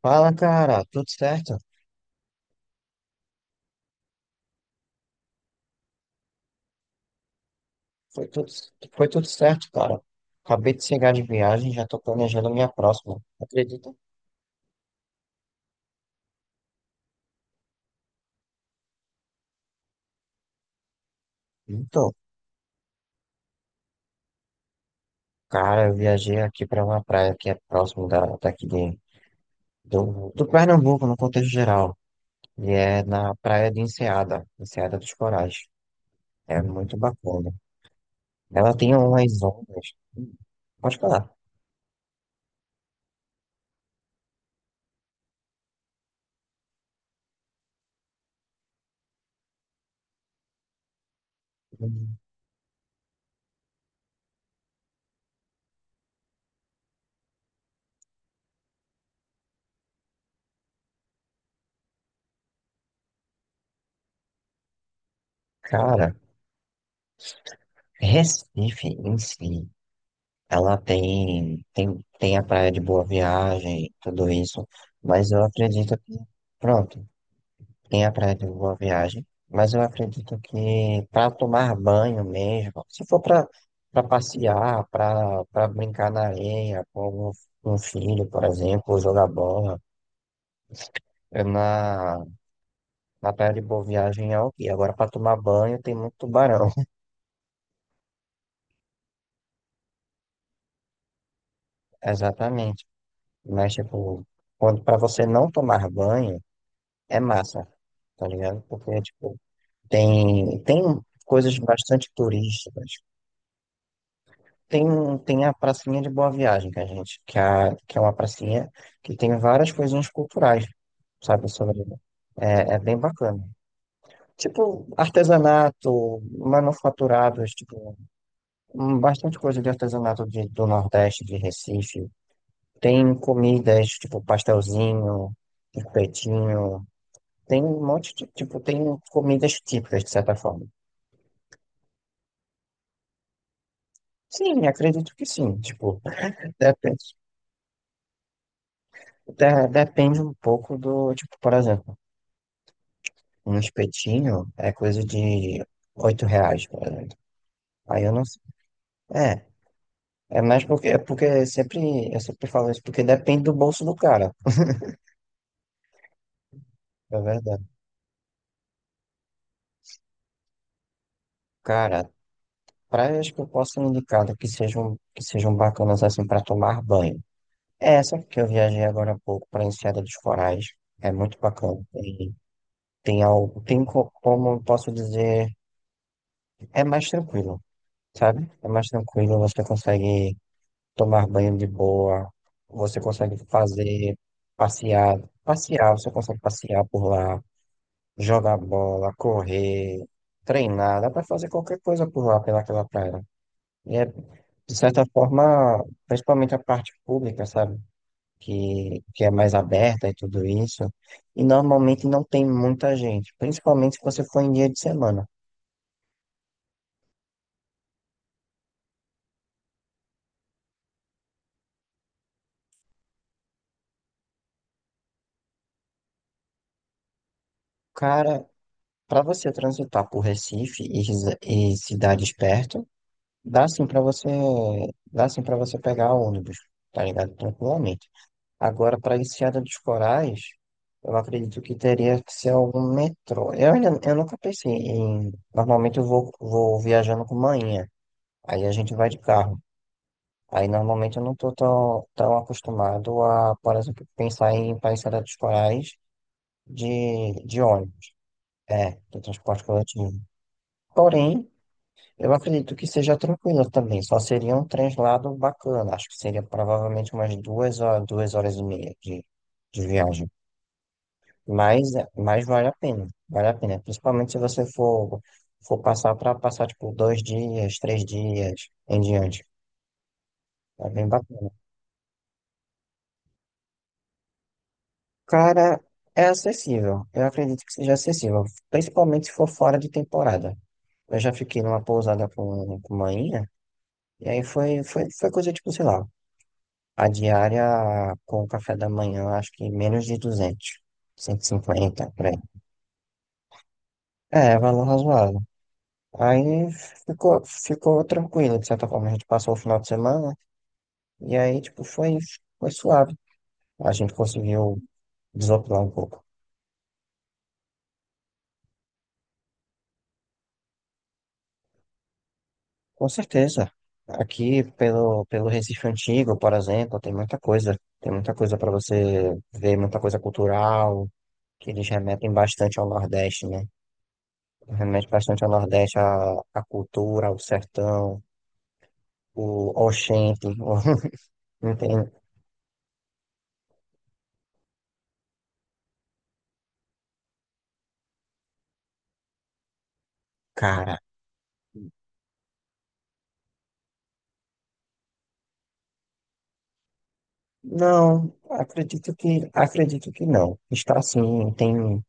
Fala, cara, tudo certo? Foi tudo, foi tudo certo, cara. Acabei de chegar de viagem, já tô planejando minha próxima. Acredita? Então, cara, eu viajei aqui para uma praia que é próximo da, daqui de, do, do Pernambuco, no contexto geral. E é na praia de Enseada dos Corais. É muito bacana. Ela tem umas ondas. Hum, Pode falar. Hum, Cara, Recife em si. Ela tem a praia de Boa Viagem, tudo isso, mas eu acredito que, pronto, tem a praia de Boa Viagem, mas eu acredito que para tomar banho mesmo, se for para passear, para brincar na areia com um filho, por exemplo, ou jogar bola, é na praia de Boa Viagem é ok. Agora, para tomar banho, tem muito tubarão, exatamente. Mas, tipo, quando para você não tomar banho, é massa, tá ligado? Porque, tipo, tem coisas bastante turísticas. Tem, tem a pracinha de Boa Viagem que a gente, que, é a, que é uma pracinha que tem várias coisinhas culturais, sabe? É bem bacana. Tipo, artesanato, manufaturados, tipo, bastante coisa de artesanato do Nordeste, de Recife. Tem comidas, tipo, pastelzinho, espetinho. Tem um monte de, tipo, tem comidas típicas, de certa forma. Sim, acredito que sim. Tipo, depende, depende um pouco do, tipo, por exemplo, um espetinho é coisa de R$ 8, por exemplo. Aí eu não sei. É, é porque eu sempre falo isso, porque depende do bolso do cara, é verdade. Cara, praias que eu posso indicar que sejam bacanas assim para tomar banho. É essa que eu viajei agora há pouco para Enseada dos Corais, é muito bacana. Tem, tem algo, tem co- como eu posso dizer, é mais tranquilo. Sabe? É mais tranquilo, você consegue tomar banho de boa, você consegue fazer passear, você consegue passear por lá, jogar bola, correr, treinar, dá pra fazer qualquer coisa por lá, pelaquela praia. E é, de certa forma, principalmente a parte pública, sabe? Que é mais aberta e tudo isso. E normalmente não tem muita gente, principalmente se você for em dia de semana. Cara, para você transitar por Recife e, e cidades perto, dá sim para você, dá sim para você pegar ônibus, tá ligado? Tranquilamente. Agora, para Enseada dos Corais, eu acredito que teria que ser algum metrô. Eu nunca pensei em. Normalmente eu vou viajando com manhã, aí a gente vai de carro. Aí normalmente eu não tô tão acostumado a, por exemplo, pensar em para Enseada dos Corais de ônibus. É, de transporte coletivo. Porém, eu acredito que seja tranquila também, só seria um translado bacana. Acho que seria provavelmente umas 2 horas, 2 horas e meia de viagem. Mas vale a pena, vale a pena. Principalmente se você for passar tipo 2 dias, 3 dias em diante. É bem bacana. Cara, é acessível. Eu acredito que seja acessível, principalmente se for fora de temporada. Eu já fiquei numa pousada com uma inha, e aí foi coisa tipo, sei lá. A diária com o café da manhã, acho que menos de 200 150 por aí. É, valor razoável. Aí ficou tranquilo, de certa forma. A gente passou o final de semana e aí, tipo, foi suave. A gente conseguiu desopilar um pouco. Com certeza. Aqui, pelo Recife Antigo, por exemplo, tem muita coisa. Tem muita coisa para você ver, muita coisa cultural, que eles remetem bastante ao Nordeste, né? Remete bastante ao Nordeste, a cultura, o sertão, o Oxente, não tem, cara, não, acredito que não, está sim, tem,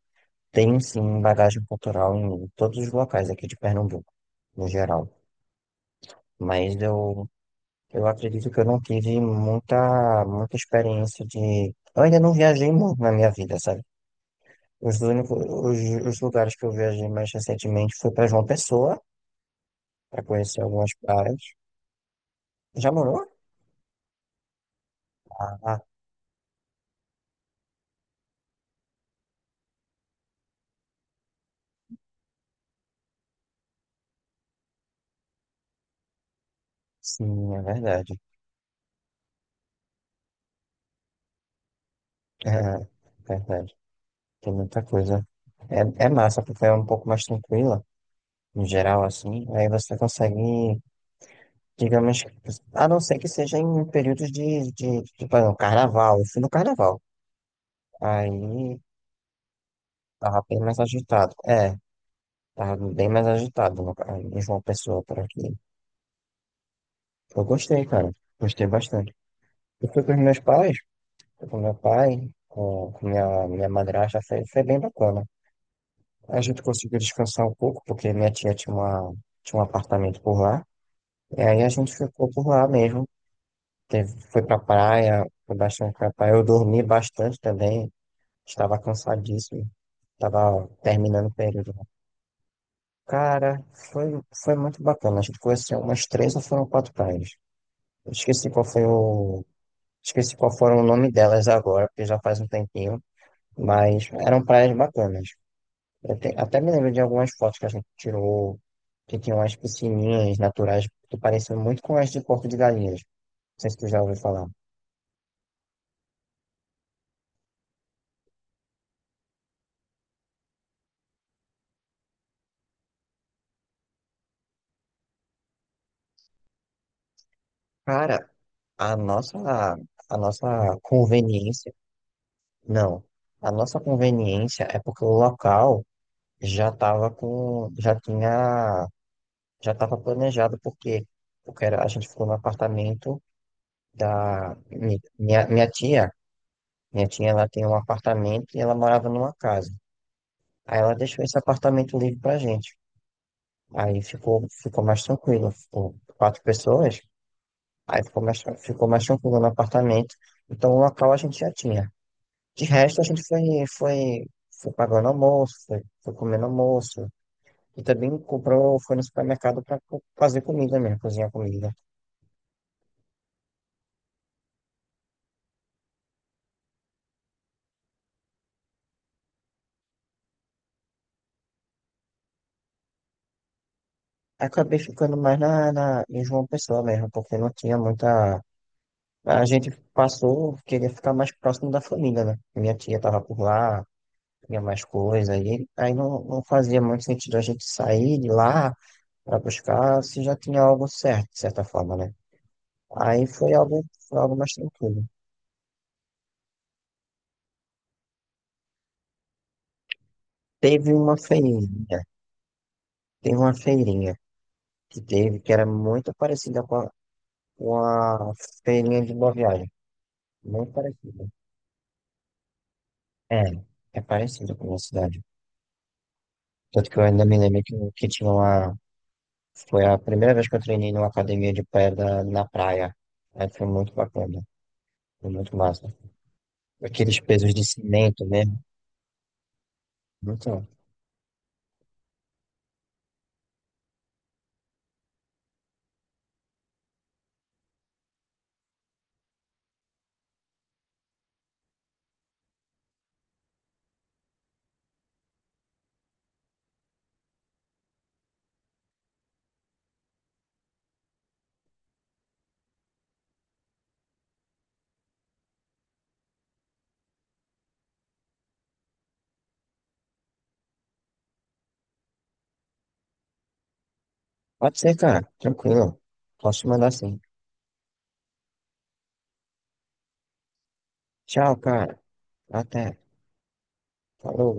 tem sim bagagem cultural em todos os locais aqui de Pernambuco, no geral, mas eu acredito que eu não tive muita experiência de, eu ainda não viajei muito na minha vida, sabe? Os únicos, os, os lugares que eu viajei mais recentemente foi para João Pessoa, para conhecer algumas praias. Já morou? Ah, sim, é verdade. É, verdade. Tem muita coisa. É massa, porque é um pouco mais tranquila, no geral, assim. Aí você consegue, digamos, a não ser que seja em períodos de, ah, não, carnaval. Eu fui no carnaval. Aí tava bem mais agitado. É, tava bem mais agitado no, ca- em João Pessoa por aqui. Eu gostei, cara. Gostei bastante. Eu fui com os meus pais, fui com meu pai, com minha madrasta, foi bem bacana. A gente conseguiu descansar um pouco, porque minha tia tinha uma, tinha um apartamento por lá. E aí a gente ficou por lá mesmo. Foi pra praia, foi bastante pra praia. Eu dormi bastante também. Estava cansadíssimo. Estava terminando o período. Cara, foi muito bacana. A gente conheceu umas três ou foram quatro praias. Eu esqueci qual foi o. Esqueci qual foram o nome delas agora, porque já faz um tempinho. Mas eram praias bacanas. Eu até me lembro de algumas fotos que a gente tirou, que tinham umas piscininhas naturais que pareciam muito com as de Porto de Galinhas. Não sei se tu já ouviu falar. Cara, a nossa, a nossa conveniência, não, a nossa conveniência é porque o local já estava com, já tinha, já estava planejado, porque a gente ficou no apartamento da minha tia. Minha tia ela tem um apartamento e ela morava numa casa. Aí ela deixou esse apartamento livre pra gente. Aí ficou mais tranquilo. Ficou quatro pessoas, aí ficou mais tranquilo no apartamento. Então o local a gente já tinha. De resto, a gente foi, foi pagando almoço, foi comendo almoço. E também comprou, foi no supermercado para fazer comida mesmo, cozinhar comida. Acabei ficando mais em João Pessoa mesmo, porque não tinha muita. A gente passou, queria ficar mais próximo da família, né? Minha tia estava por lá, tinha mais coisa, aí não, não fazia muito sentido a gente sair de lá para buscar se já tinha algo certo, de certa forma, né? Aí foi algo mais tranquilo. Teve uma feirinha, teve uma feirinha que teve, que era muito parecida com a, feirinha de Boa Viagem, muito parecida. É, é parecida com a minha cidade. Tanto que eu ainda me lembro que foi a primeira vez que eu treinei numa academia de pedra na praia, aí foi muito bacana, foi muito massa. Aqueles pesos de cimento mesmo. Então, pode ser, cara. Tranquilo. Posso mandar sim. Tchau, cara. Até. Falou.